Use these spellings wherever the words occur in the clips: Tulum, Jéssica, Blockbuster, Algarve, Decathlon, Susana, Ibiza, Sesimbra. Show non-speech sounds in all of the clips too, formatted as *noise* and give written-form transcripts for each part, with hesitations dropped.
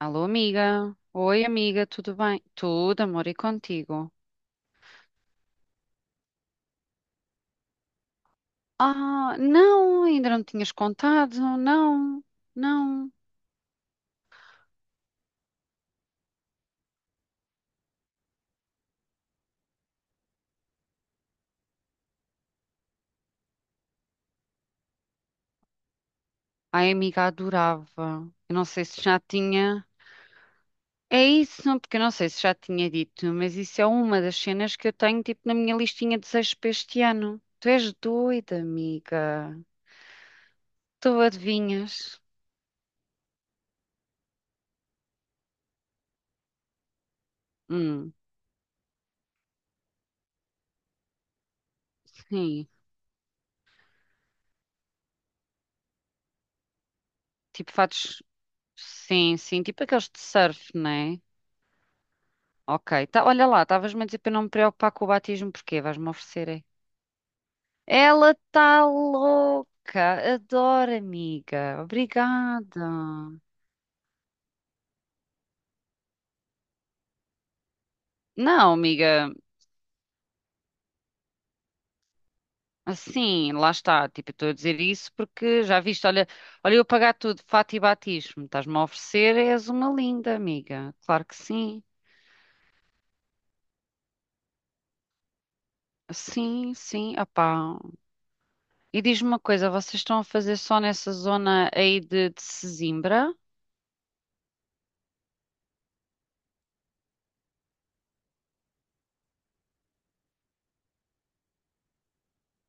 Alô, amiga. Oi, amiga, tudo bem? Tudo, amor, e contigo? Ah, não, ainda não tinhas contado, não, não. Ai, amiga, adorava. Eu não sei se já tinha. É isso, não, porque eu não sei se já tinha dito, mas isso é uma das cenas que eu tenho, tipo, na minha listinha de desejos para este ano. Tu és doida, amiga. Tu adivinhas? Hum, sim. Tipo, fatos. Sim, sim, tipo aqueles de surf, né? Ok, tá, olha lá, estavas-me a dizer para eu não me preocupar com o batismo, porquê? Vais-me oferecer, é? Ela está louca, adoro, amiga, obrigada. Não, amiga, assim, lá está, tipo, eu estou a dizer isso porque já viste, olha eu pagar tudo, fato e batismo, estás-me a oferecer, és uma linda, amiga, claro que sim. Sim, sim, opá. E diz-me uma coisa, vocês estão a fazer só nessa zona aí de Sesimbra?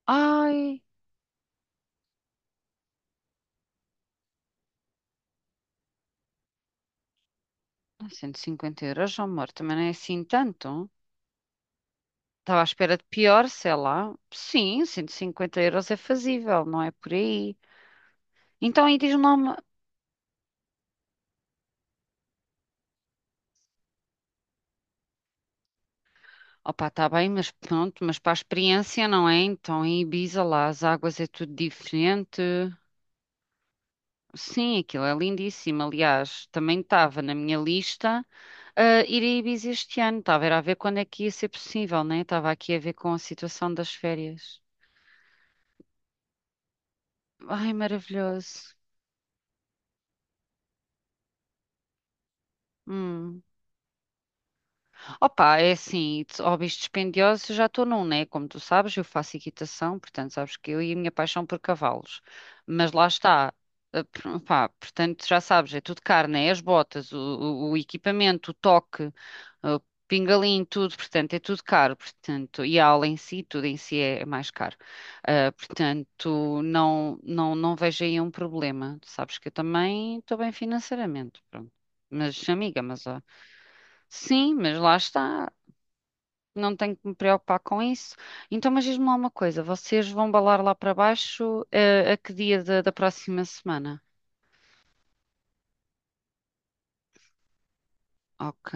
Ai. Ah, 150 euros, oh, amor, também não é assim tanto. Estava à espera de pior, sei lá. Sim, 150 euros é fazível, não é por aí. Então aí diz-me lá uma... Opa, está bem, mas pronto, mas para a experiência, não é? Então em Ibiza lá as águas é tudo diferente. Sim, aquilo é lindíssimo. Aliás, também estava na minha lista ir a Ibiza este ano. Estava era a ver quando é que ia ser possível, né? Estava aqui a ver com a situação das férias. Ai, maravilhoso. Hum. Opa, é assim, hobbies dispendiosos eu já estou num, né? Como tu sabes, eu faço equitação, portanto, sabes que eu e a minha paixão por cavalos. Mas lá está, pá, portanto, já sabes, é tudo caro, né? As botas, o equipamento, o toque, o pingalinho, tudo, portanto, é tudo caro, portanto, e a aula em si, tudo em si é mais caro. Ah, portanto, não, não, não vejo aí um problema. Sabes que eu também estou bem financeiramente, pronto. Mas, amiga, mas ó, sim, mas lá está. Não tenho que me preocupar com isso. Então, mas diz-me lá uma coisa: vocês vão balar lá para baixo, a que dia da próxima semana? Ok.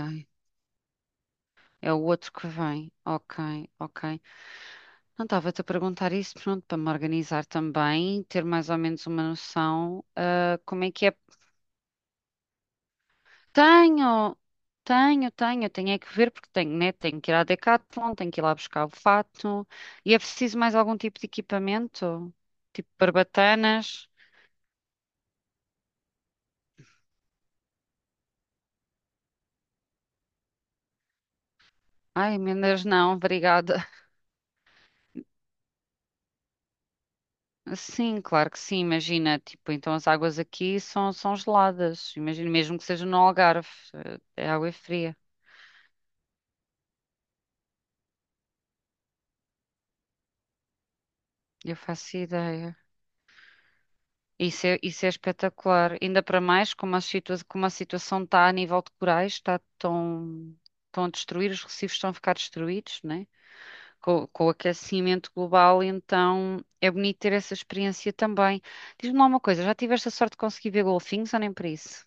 É o outro que vem. Ok, ok. Não estava-te a perguntar isso, pronto, para me organizar também, ter mais ou menos uma noção, como é que é. Tenho, tenho é que ver, porque tenho, né? Tenho que ir à Decathlon, tenho que ir lá buscar o fato. E é preciso mais algum tipo de equipamento? Tipo barbatanas? Ai, emendas não, obrigada. Sim, claro que sim, imagina, tipo, então as águas aqui são geladas, imagina, mesmo que seja no Algarve, a água é fria, eu faço ideia. Isso é espetacular, ainda para mais como a situação está a nível de corais, está tão, estão a destruir, os recifes estão a ficar destruídos, né? Com o aquecimento global, então é bonito ter essa experiência também. Diz-me lá uma coisa, já tiveste a sorte de conseguir ver golfinhos ou nem para isso?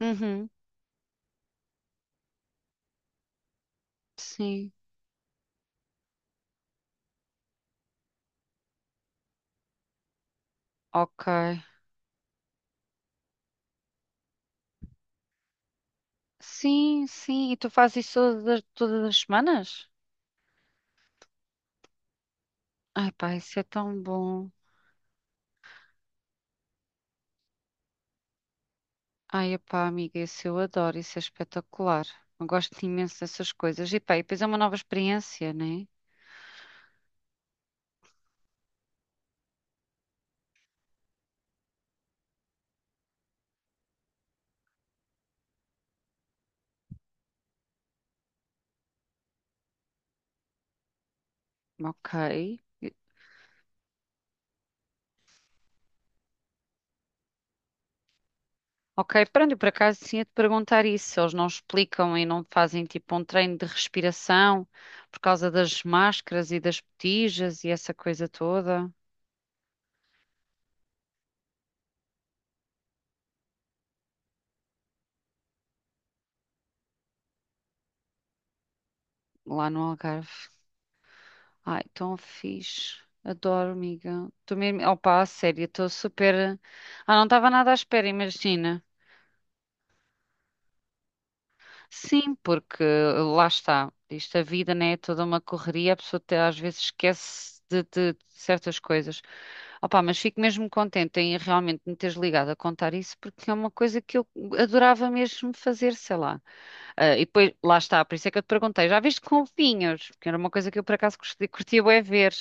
Uhum, sim, ok. Sim, sim. E tu fazes isso todas, todas as semanas? Ai, pá, isso é tão bom. Ai, pá, amiga, isso eu adoro, isso é espetacular. Eu gosto imenso dessas coisas. E pá, e depois é uma nova experiência, né? Ok. Ok, pronto, eu por acaso tinha de perguntar isso, se eles não explicam e não fazem tipo um treino de respiração por causa das máscaras e das botijas e essa coisa toda lá no Algarve. Ai, tão fixe. Adoro, amiga. Tô mesmo. Opa, a sério, estou super. Ah, não estava nada à espera, imagina. Sim, porque lá está. Isto, a vida, né? É toda uma correria. A pessoa até às vezes esquece de certas coisas. Opa, mas fico mesmo contente em realmente me teres ligado a contar isso, porque é uma coisa que eu adorava mesmo fazer, sei lá. Ah, e depois, lá está, por isso é que eu te perguntei, já viste com vinhos? Porque era uma coisa que eu por acaso curtia bué ver.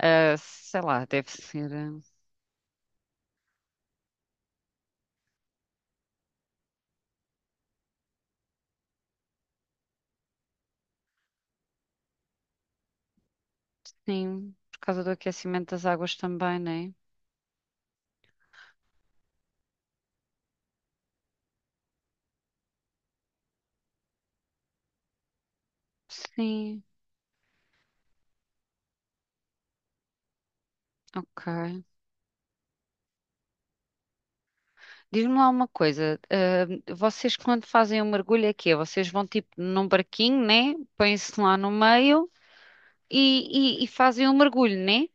Ah, sei lá, deve ser. Sim, por causa do aquecimento das águas também, né? Sim, ok. Diz-me lá uma coisa. Vocês quando fazem o mergulho é quê? Vocês vão tipo num barquinho, né? Põem-se lá no meio e fazem o mergulho, né?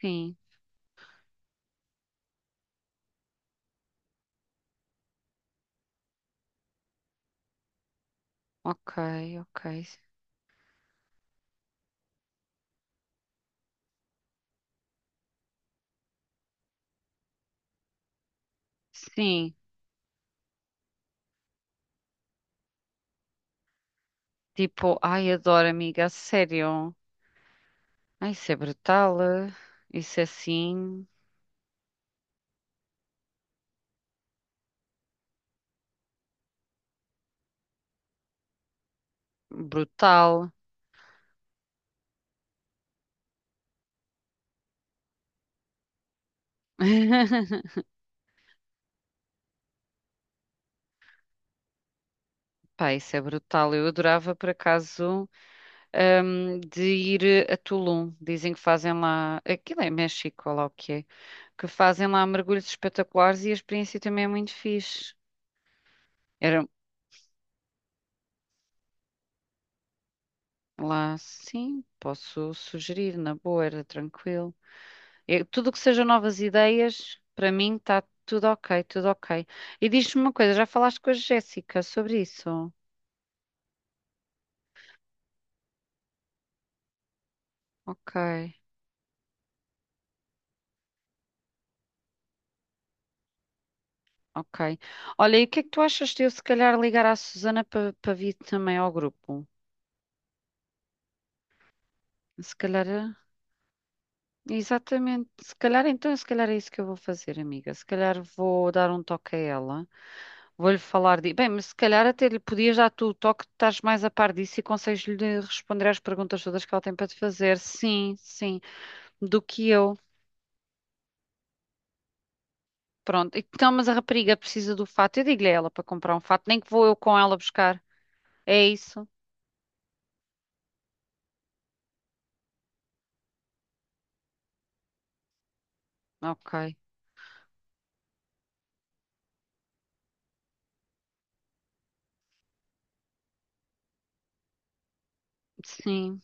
Sim, ok, ok. Sim, tipo, ai, adoro, amiga, a sério. Ai, isso é brutal. Ah. Isso é assim, brutal. *laughs* Pá, isso é brutal. Eu adorava, por acaso, de ir a Tulum. Dizem que fazem lá. Aquilo é México, ou lá o que é. Que fazem lá mergulhos espetaculares e a experiência também é muito fixe. Era lá, sim, posso sugerir, na boa, era tranquilo. É, tudo o que seja novas ideias, para mim está tudo ok, tudo ok. E diz-me uma coisa, já falaste com a Jéssica sobre isso? Ok. Ok. Olha, e o que é que tu achas de eu se calhar ligar à Susana para vir também ao grupo? Se calhar, exatamente. Se calhar então, se calhar é isso que eu vou fazer, amiga. Se calhar vou dar um toque a ela. Vou-lhe falar de. Bem, mas se calhar até lhe podias dar tu o toque, estás mais a par disso e consegues-lhe responder às perguntas todas que ela tem para te fazer. Sim, sim, do que eu. Pronto. Então, mas a rapariga precisa do fato. Eu digo-lhe a ela para comprar um fato, nem que vou eu com ela buscar. É isso? Ok. Sim.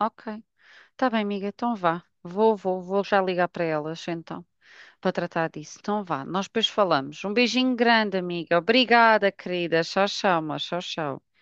Ok. Tá bem, amiga, então vá. Vou já ligar para elas, então, para tratar disso. Então vá, nós depois falamos. Um beijinho grande, amiga. Obrigada, querida. Tchau, tchau, mas tchau, tchau.